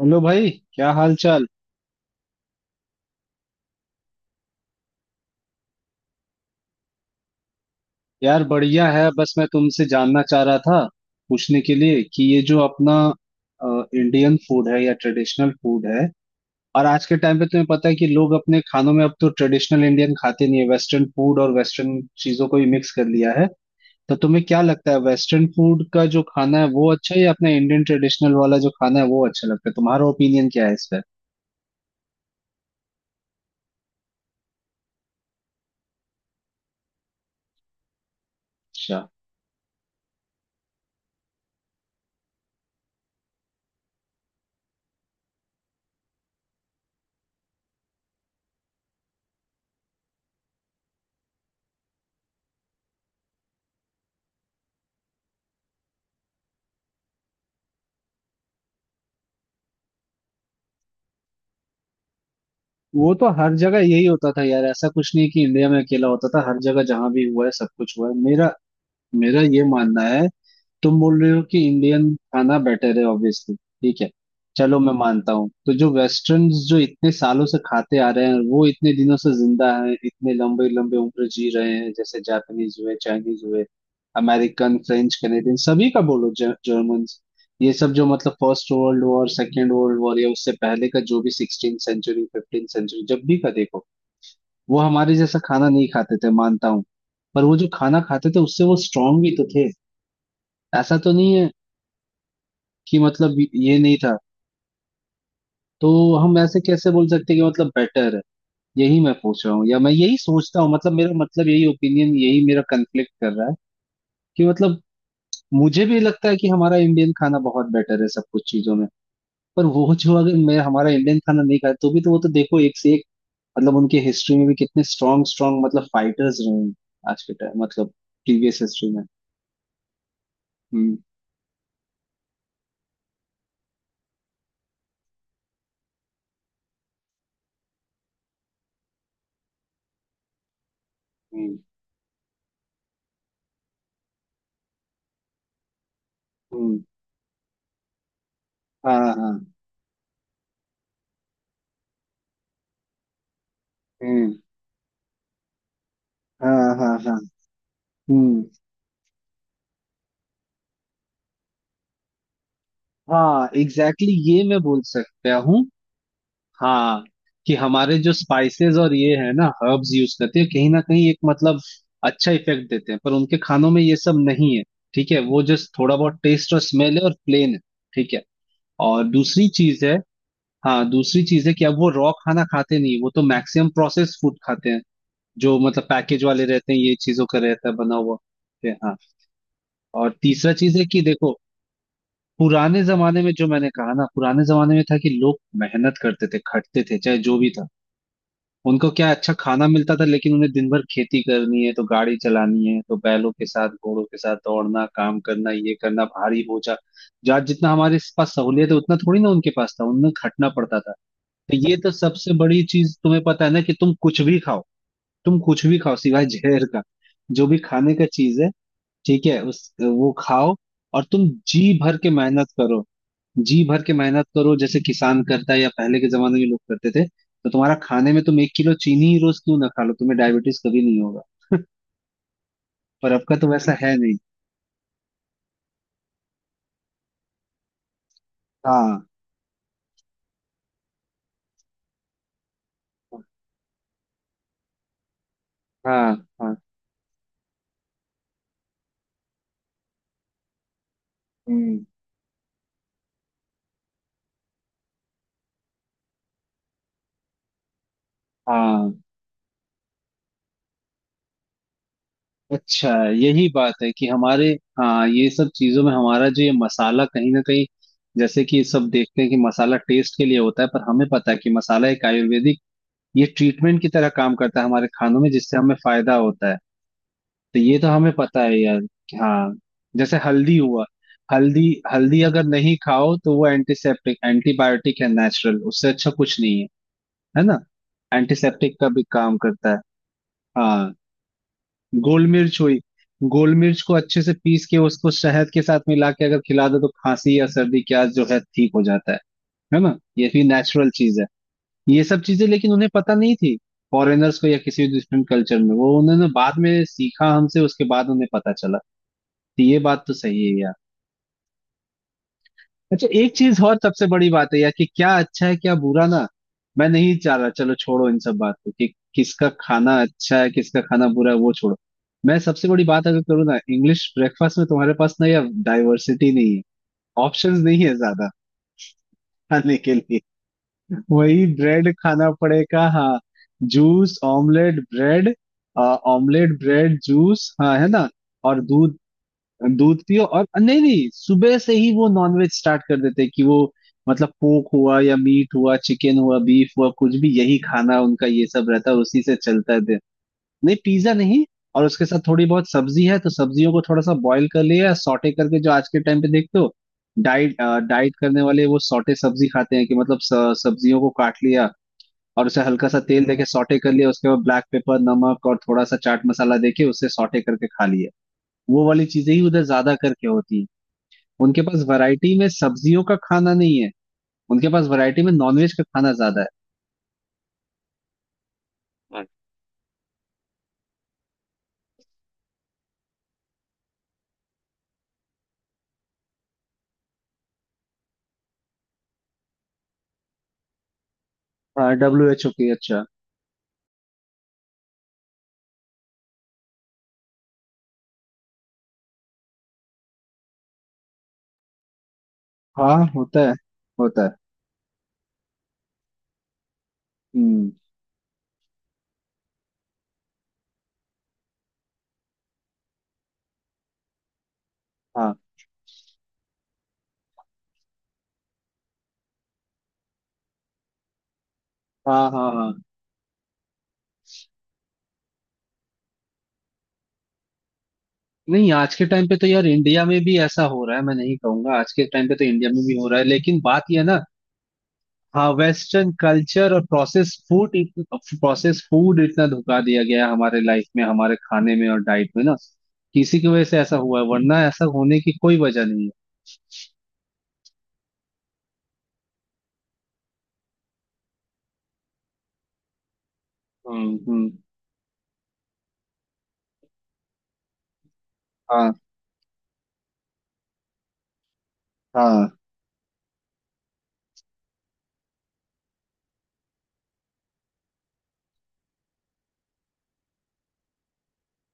Hello भाई, क्या हाल चाल। यार, बढ़िया है। बस मैं तुमसे जानना चाह रहा था पूछने के लिए कि ये जो अपना इंडियन फूड है या ट्रेडिशनल फूड है। और आज के टाइम पे तुम्हें पता है कि लोग अपने खानों में अब तो ट्रेडिशनल इंडियन खाते नहीं है, वेस्टर्न फूड और वेस्टर्न चीजों को ही मिक्स कर लिया है। तो तुम्हें क्या लगता है, वेस्टर्न फूड का जो खाना है वो अच्छा है या अपना इंडियन ट्रेडिशनल वाला जो खाना है वो अच्छा लगता है? तुम्हारा ओपिनियन क्या है इस पर? अच्छा। वो तो हर जगह यही होता था यार, ऐसा कुछ नहीं कि इंडिया में अकेला होता था, हर जगह जहां भी हुआ है सब कुछ हुआ है। मेरा मेरा ये मानना है। तुम बोल रहे हो कि इंडियन खाना बेटर है, ऑब्वियसली ठीक है, चलो मैं मानता हूँ। तो जो वेस्टर्न जो इतने सालों से खाते आ रहे हैं वो इतने दिनों से जिंदा हैं, इतने लंबे लंबे उम्र जी रहे हैं, जैसे जापानीज हुए, चाइनीज हुए, अमेरिकन, फ्रेंच, कनेडियन, सभी का बोलो, जर्मन, ये सब जो मतलब first world war second world war या उससे पहले का जो भी 16 सेंचुरी 15 सेंचुरी जब भी का देखो, वो हमारे जैसा खाना नहीं खाते थे, मानता हूँ। पर वो जो खाना खाते थे उससे वो स्ट्रांग भी तो थे, ऐसा तो नहीं है कि मतलब ये नहीं था। तो हम ऐसे कैसे बोल सकते कि मतलब बेटर है? यही मैं पूछ रहा हूँ, या मैं यही सोचता हूँ, मतलब मेरा मतलब यही ओपिनियन यही मेरा कन्फ्लिक्ट कर रहा है कि मतलब मुझे भी लगता है कि हमारा इंडियन खाना बहुत बेटर है सब कुछ चीजों में। पर वो जो अगर मैं हमारा इंडियन खाना नहीं खाए तो भी तो वो तो देखो एक से एक, मतलब उनके हिस्ट्री में भी कितने स्ट्रांग स्ट्रांग मतलब फाइटर्स रहे हैं, आज के टाइम मतलब प्रीवियस हिस्ट्री में। हम्म, हम्म, हम्म, हाँ हाँ, हम्म, हाँ हाँ हाँ, हम्म, हाँ एग्जैक्टली। exactly, ये मैं बोल सकता हूँ। हाँ, कि हमारे जो स्पाइसेस और ये है ना हर्ब्स यूज करते हैं कहीं ना कहीं एक मतलब अच्छा इफेक्ट देते हैं, पर उनके खानों में ये सब नहीं है। ठीक है, वो जस्ट थोड़ा बहुत टेस्ट और स्मेल है और प्लेन है। ठीक है। और दूसरी चीज है, हाँ दूसरी चीज है कि अब वो रॉ खाना खाते नहीं, वो तो मैक्सिमम प्रोसेस फूड खाते हैं जो मतलब पैकेज वाले रहते हैं, ये चीजों का रहता है बना हुआ, ठीक है हाँ। और तीसरा चीज है कि देखो, पुराने जमाने में जो मैंने कहा ना, पुराने जमाने में था कि लोग मेहनत करते थे खटते थे, चाहे जो भी था उनको क्या अच्छा खाना मिलता था, लेकिन उन्हें दिन भर खेती करनी है, तो गाड़ी चलानी है, तो बैलों के साथ घोड़ों के साथ दौड़ना, काम करना, ये करना, भारी बोझा। जहाँ जितना हमारे पास सहूलियत है उतना थोड़ी ना उनके पास था, उन्हें खटना पड़ता था। तो ये तो सबसे बड़ी चीज तुम्हें पता है ना कि तुम कुछ भी खाओ, तुम कुछ भी खाओ सिवाय जहर का, जो भी खाने का चीज है ठीक है, उस वो खाओ और तुम जी भर के मेहनत करो, जी भर के मेहनत करो, जैसे किसान करता है या पहले के जमाने में लोग करते थे, तो तुम्हारा खाने में तुम 1 किलो चीनी ही रोज क्यों ना खा लो, तुम्हें डायबिटीज कभी नहीं होगा। पर अब का तो वैसा है नहीं। हाँ हाँ हाँ, हम्म, हाँ, अच्छा, यही बात है कि हमारे, हाँ ये सब चीजों में हमारा जो ये मसाला कहीं ना कहीं, जैसे कि सब देखते हैं कि मसाला टेस्ट के लिए होता है, पर हमें पता है कि मसाला एक आयुर्वेदिक ये ट्रीटमेंट की तरह काम करता है हमारे खानों में, जिससे हमें फायदा होता है। तो ये तो हमें पता है यार कि हाँ, जैसे हल्दी हुआ, हल्दी। हल्दी अगर नहीं खाओ तो वो एंटीसेप्टिक एंटीबायोटिक है, नेचुरल, उससे अच्छा कुछ नहीं है, है ना? एंटीसेप्टिक का भी काम करता है। हाँ, गोल मिर्च हुई। गोल मिर्च को अच्छे से पीस के उसको शहद के साथ मिला के अगर खिला दो तो खांसी या सर्दी क्या जो है ठीक हो जाता है ना? ये भी नेचुरल चीज है। ये सब चीजें लेकिन उन्हें पता नहीं थी, फॉरेनर्स को या किसी डिफरेंट कल्चर में, वो उन्होंने बाद में सीखा हमसे, उसके बाद उन्हें पता चला। तो ये बात तो सही है यार। अच्छा, एक चीज और सबसे बड़ी बात है यार कि क्या अच्छा है क्या बुरा ना, मैं नहीं चाह रहा, चलो छोड़ो इन सब बात को कि किसका खाना अच्छा है किसका खाना बुरा है, वो छोड़ो। मैं सबसे बड़ी बात अगर करूँ ना, इंग्लिश ब्रेकफास्ट में तुम्हारे पास ना यार डाइवर्सिटी नहीं है, ऑप्शंस नहीं है ज्यादा खाने के लिए। वही ब्रेड खाना पड़ेगा, हाँ। Juice, omelette, bread, omelette, bread, juice, हाँ है ना? और दूध, दूध पियो और नहीं नहीं, सुबह से ही वो नॉनवेज स्टार्ट कर देते हैं कि वो मतलब पोक हुआ या मीट हुआ, चिकन हुआ, बीफ हुआ, कुछ भी, यही खाना उनका ये सब रहता है और उसी से चलता है दिन। नहीं, पिज्जा नहीं। और उसके साथ थोड़ी बहुत सब्जी है तो सब्जियों को थोड़ा सा बॉईल कर लिया, सॉटे करके, जो आज के टाइम पे देखते हो डाइट, डाइट करने वाले वो सॉटे सब्जी खाते हैं कि मतलब सब्जियों को काट लिया और उसे हल्का सा तेल देके सॉटे कर लिया, उसके बाद ब्लैक पेपर, नमक और थोड़ा सा चाट मसाला देके उसे सॉटे करके खा लिया। वो वाली चीजें ही उधर ज्यादा करके होती है। उनके पास वैरायटी में सब्जियों का खाना नहीं है, उनके पास वैरायटी में नॉनवेज का खाना ज्यादा है। हाँ, डब्ल्यू एच ओ की, अच्छा। हाँ, होता है, होता है। हम्म, हाँ हाँ हाँ हाँ। नहीं, आज के टाइम पे तो यार इंडिया में भी ऐसा हो रहा है, मैं नहीं कहूंगा, आज के टाइम पे तो इंडिया में भी हो रहा है, लेकिन बात यह है ना, हाँ वेस्टर्न कल्चर और प्रोसेस फूड, प्रोसेस फूड इतना धुका दिया गया है हमारे लाइफ में, हमारे खाने में और डाइट में ना, किसी की वजह से ऐसा हुआ है, वरना ऐसा होने की कोई वजह नहीं है। हम्म, हम्म, हाँ हाँ,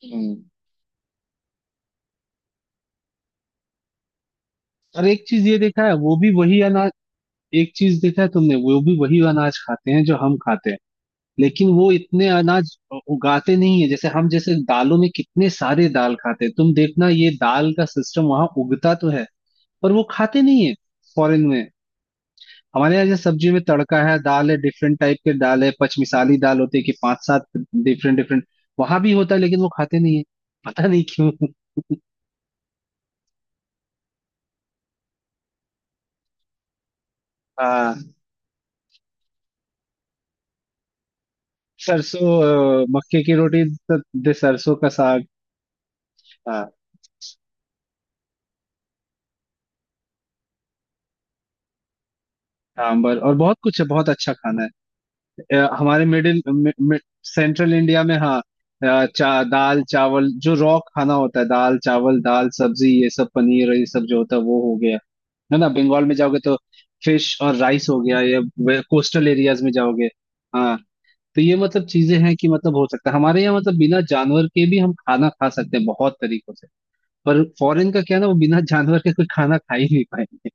हम्म, और एक चीज ये देखा है वो भी वही अनाज, एक चीज देखा है तुमने वो भी वही अनाज खाते हैं जो हम खाते हैं, लेकिन वो इतने अनाज उगाते नहीं है जैसे हम, जैसे दालों में कितने सारे दाल खाते हैं, तुम देखना ये दाल का सिस्टम वहां उगता तो है पर वो खाते नहीं है फॉरेन में। हमारे यहाँ जैसे सब्जी में तड़का है, दाल है, डिफरेंट टाइप के दाल है, पचमिसाली दाल होती है कि पांच सात डिफरेंट डिफरेंट, वहां भी होता है लेकिन वो खाते नहीं है, पता नहीं क्यों। हाँ, सरसों, मक्के की रोटी दे सरसों का साग, हाँ सांबर और बहुत कुछ है, बहुत अच्छा खाना है। हमारे मिडिल मि, मि, सेंट्रल इंडिया में हाँ, दाल चावल जो रॉ खाना होता है, दाल चावल, दाल सब्जी ये सब, पनीर और ये सब जो होता है वो हो गया, है ना? बंगाल में जाओगे तो फिश और राइस हो गया, या कोस्टल एरियाज में जाओगे, हाँ। तो ये मतलब चीजें हैं कि मतलब हो सकता है हमारे यहाँ मतलब बिना जानवर के भी हम खाना खा सकते हैं बहुत तरीकों से, पर फॉरेन का क्या है ना, वो बिना जानवर के कोई खाना खा ही नहीं पाएंगे।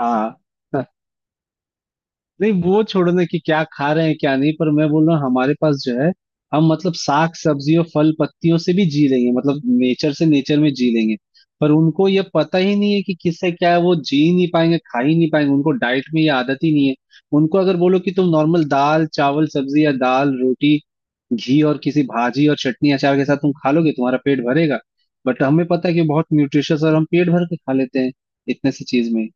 हाँ। नहीं, वो छोड़ो ना कि क्या खा रहे हैं क्या नहीं, पर मैं बोल रहा हूँ हमारे पास जो है, हम मतलब साग सब्जी और फल पत्तियों से भी जी लेंगे, मतलब नेचर से नेचर में जी लेंगे। पर उनको ये पता ही नहीं है कि किससे क्या है, वो जी ही नहीं पाएंगे, खा ही नहीं पाएंगे, उनको डाइट में ये आदत ही नहीं है। उनको अगर बोलो कि तुम नॉर्मल दाल चावल सब्जी या दाल रोटी, घी और किसी भाजी और चटनी अचार के साथ तुम खा लोगे, तुम्हारा पेट भरेगा। बट हमें पता है कि बहुत न्यूट्रिशियस और हम पेट भर के खा लेते हैं इतने सी चीज में।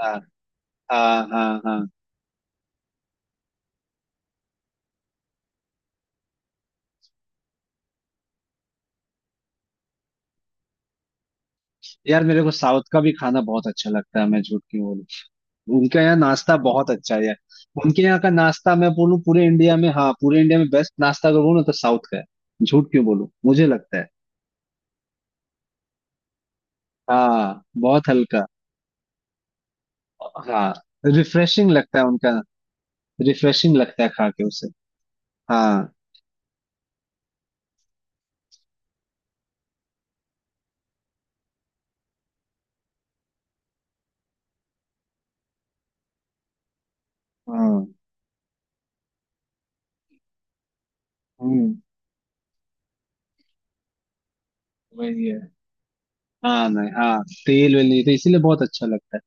हाँ हाँ हाँ हाँ। यार मेरे को साउथ का भी खाना बहुत अच्छा लगता है, मैं झूठ क्यों बोलूं? उनके यहाँ नाश्ता बहुत अच्छा है यार। उनके यहाँ का नाश्ता मैं बोलूँ पूरे इंडिया में, हाँ पूरे इंडिया में बेस्ट नाश्ता अगर बोलूँ तो साउथ का है, झूठ क्यों बोलूं, मुझे लगता है। हाँ, बहुत हल्का। हाँ, रिफ्रेशिंग लगता है उनका, रिफ्रेशिंग लगता है खा के उसे। हाँ हाँ, हम्म, वही है। हाँ नहीं हाँ, तेल वेल नहीं, तो इसीलिए बहुत अच्छा लगता है।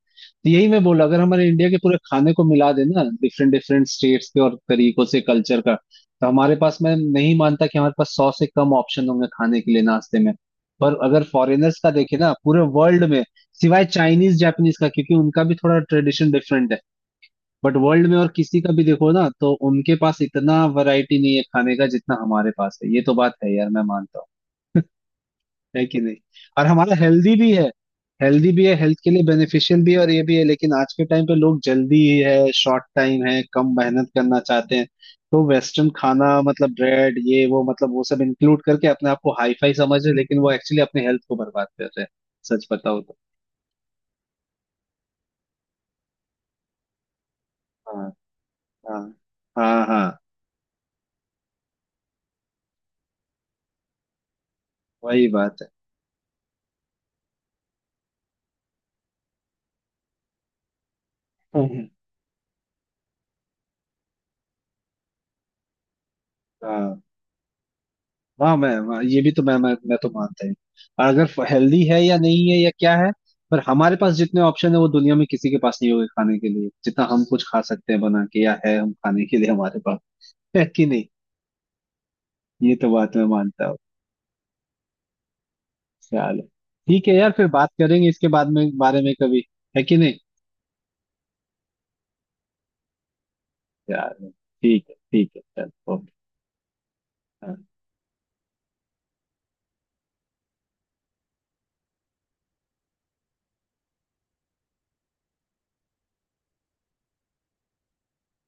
तो यही मैं बोला, अगर हमारे इंडिया के पूरे खाने को मिला देना डिफरेंट डिफरेंट स्टेट्स के और तरीकों से कल्चर का, तो हमारे पास, मैं नहीं मानता कि हमारे पास 100 से कम ऑप्शन होंगे खाने के लिए नाश्ते में। पर अगर फॉरेनर्स का देखे ना पूरे वर्ल्ड में, सिवाय चाइनीज जापानीज का क्योंकि उनका भी थोड़ा ट्रेडिशन डिफरेंट है, बट वर्ल्ड में और किसी का भी देखो ना तो उनके पास इतना वैरायटी नहीं है खाने का जितना हमारे पास है, ये तो बात है यार, मैं मानता हूँ, है कि नहीं? और हमारा हेल्दी भी, हेल्दी भी है, हेल्थ के लिए बेनिफिशियल भी है और ये भी है, लेकिन आज के टाइम पे लोग जल्दी है, शॉर्ट टाइम है, कम मेहनत करना चाहते हैं, तो वेस्टर्न खाना मतलब ब्रेड ये वो मतलब वो सब इंक्लूड करके अपने आप को हाई फाई समझ रहे हैं, लेकिन वो एक्चुअली अपने हेल्थ को बर्बाद कर रहे हैं, सच बताओ तो। हाँ हाँ हाँ हाँ, वही बात है, हाँ। वाह, मैं वाह, ये भी तो मैं तो मानता हूँ, अगर हेल्दी है या नहीं है या क्या है, पर हमारे पास जितने ऑप्शन है वो दुनिया में किसी के पास नहीं होंगे खाने के लिए, जितना हम कुछ खा सकते हैं बना के या है हम खाने के लिए हमारे पास, है कि नहीं? ये तो बात मैं मानता हूँ। चलो, ठीक है यार, फिर बात करेंगे इसके बाद में बारे में कभी, है कि नहीं? चलो, ठीक है ठीक है, चलो ओके। हाँ।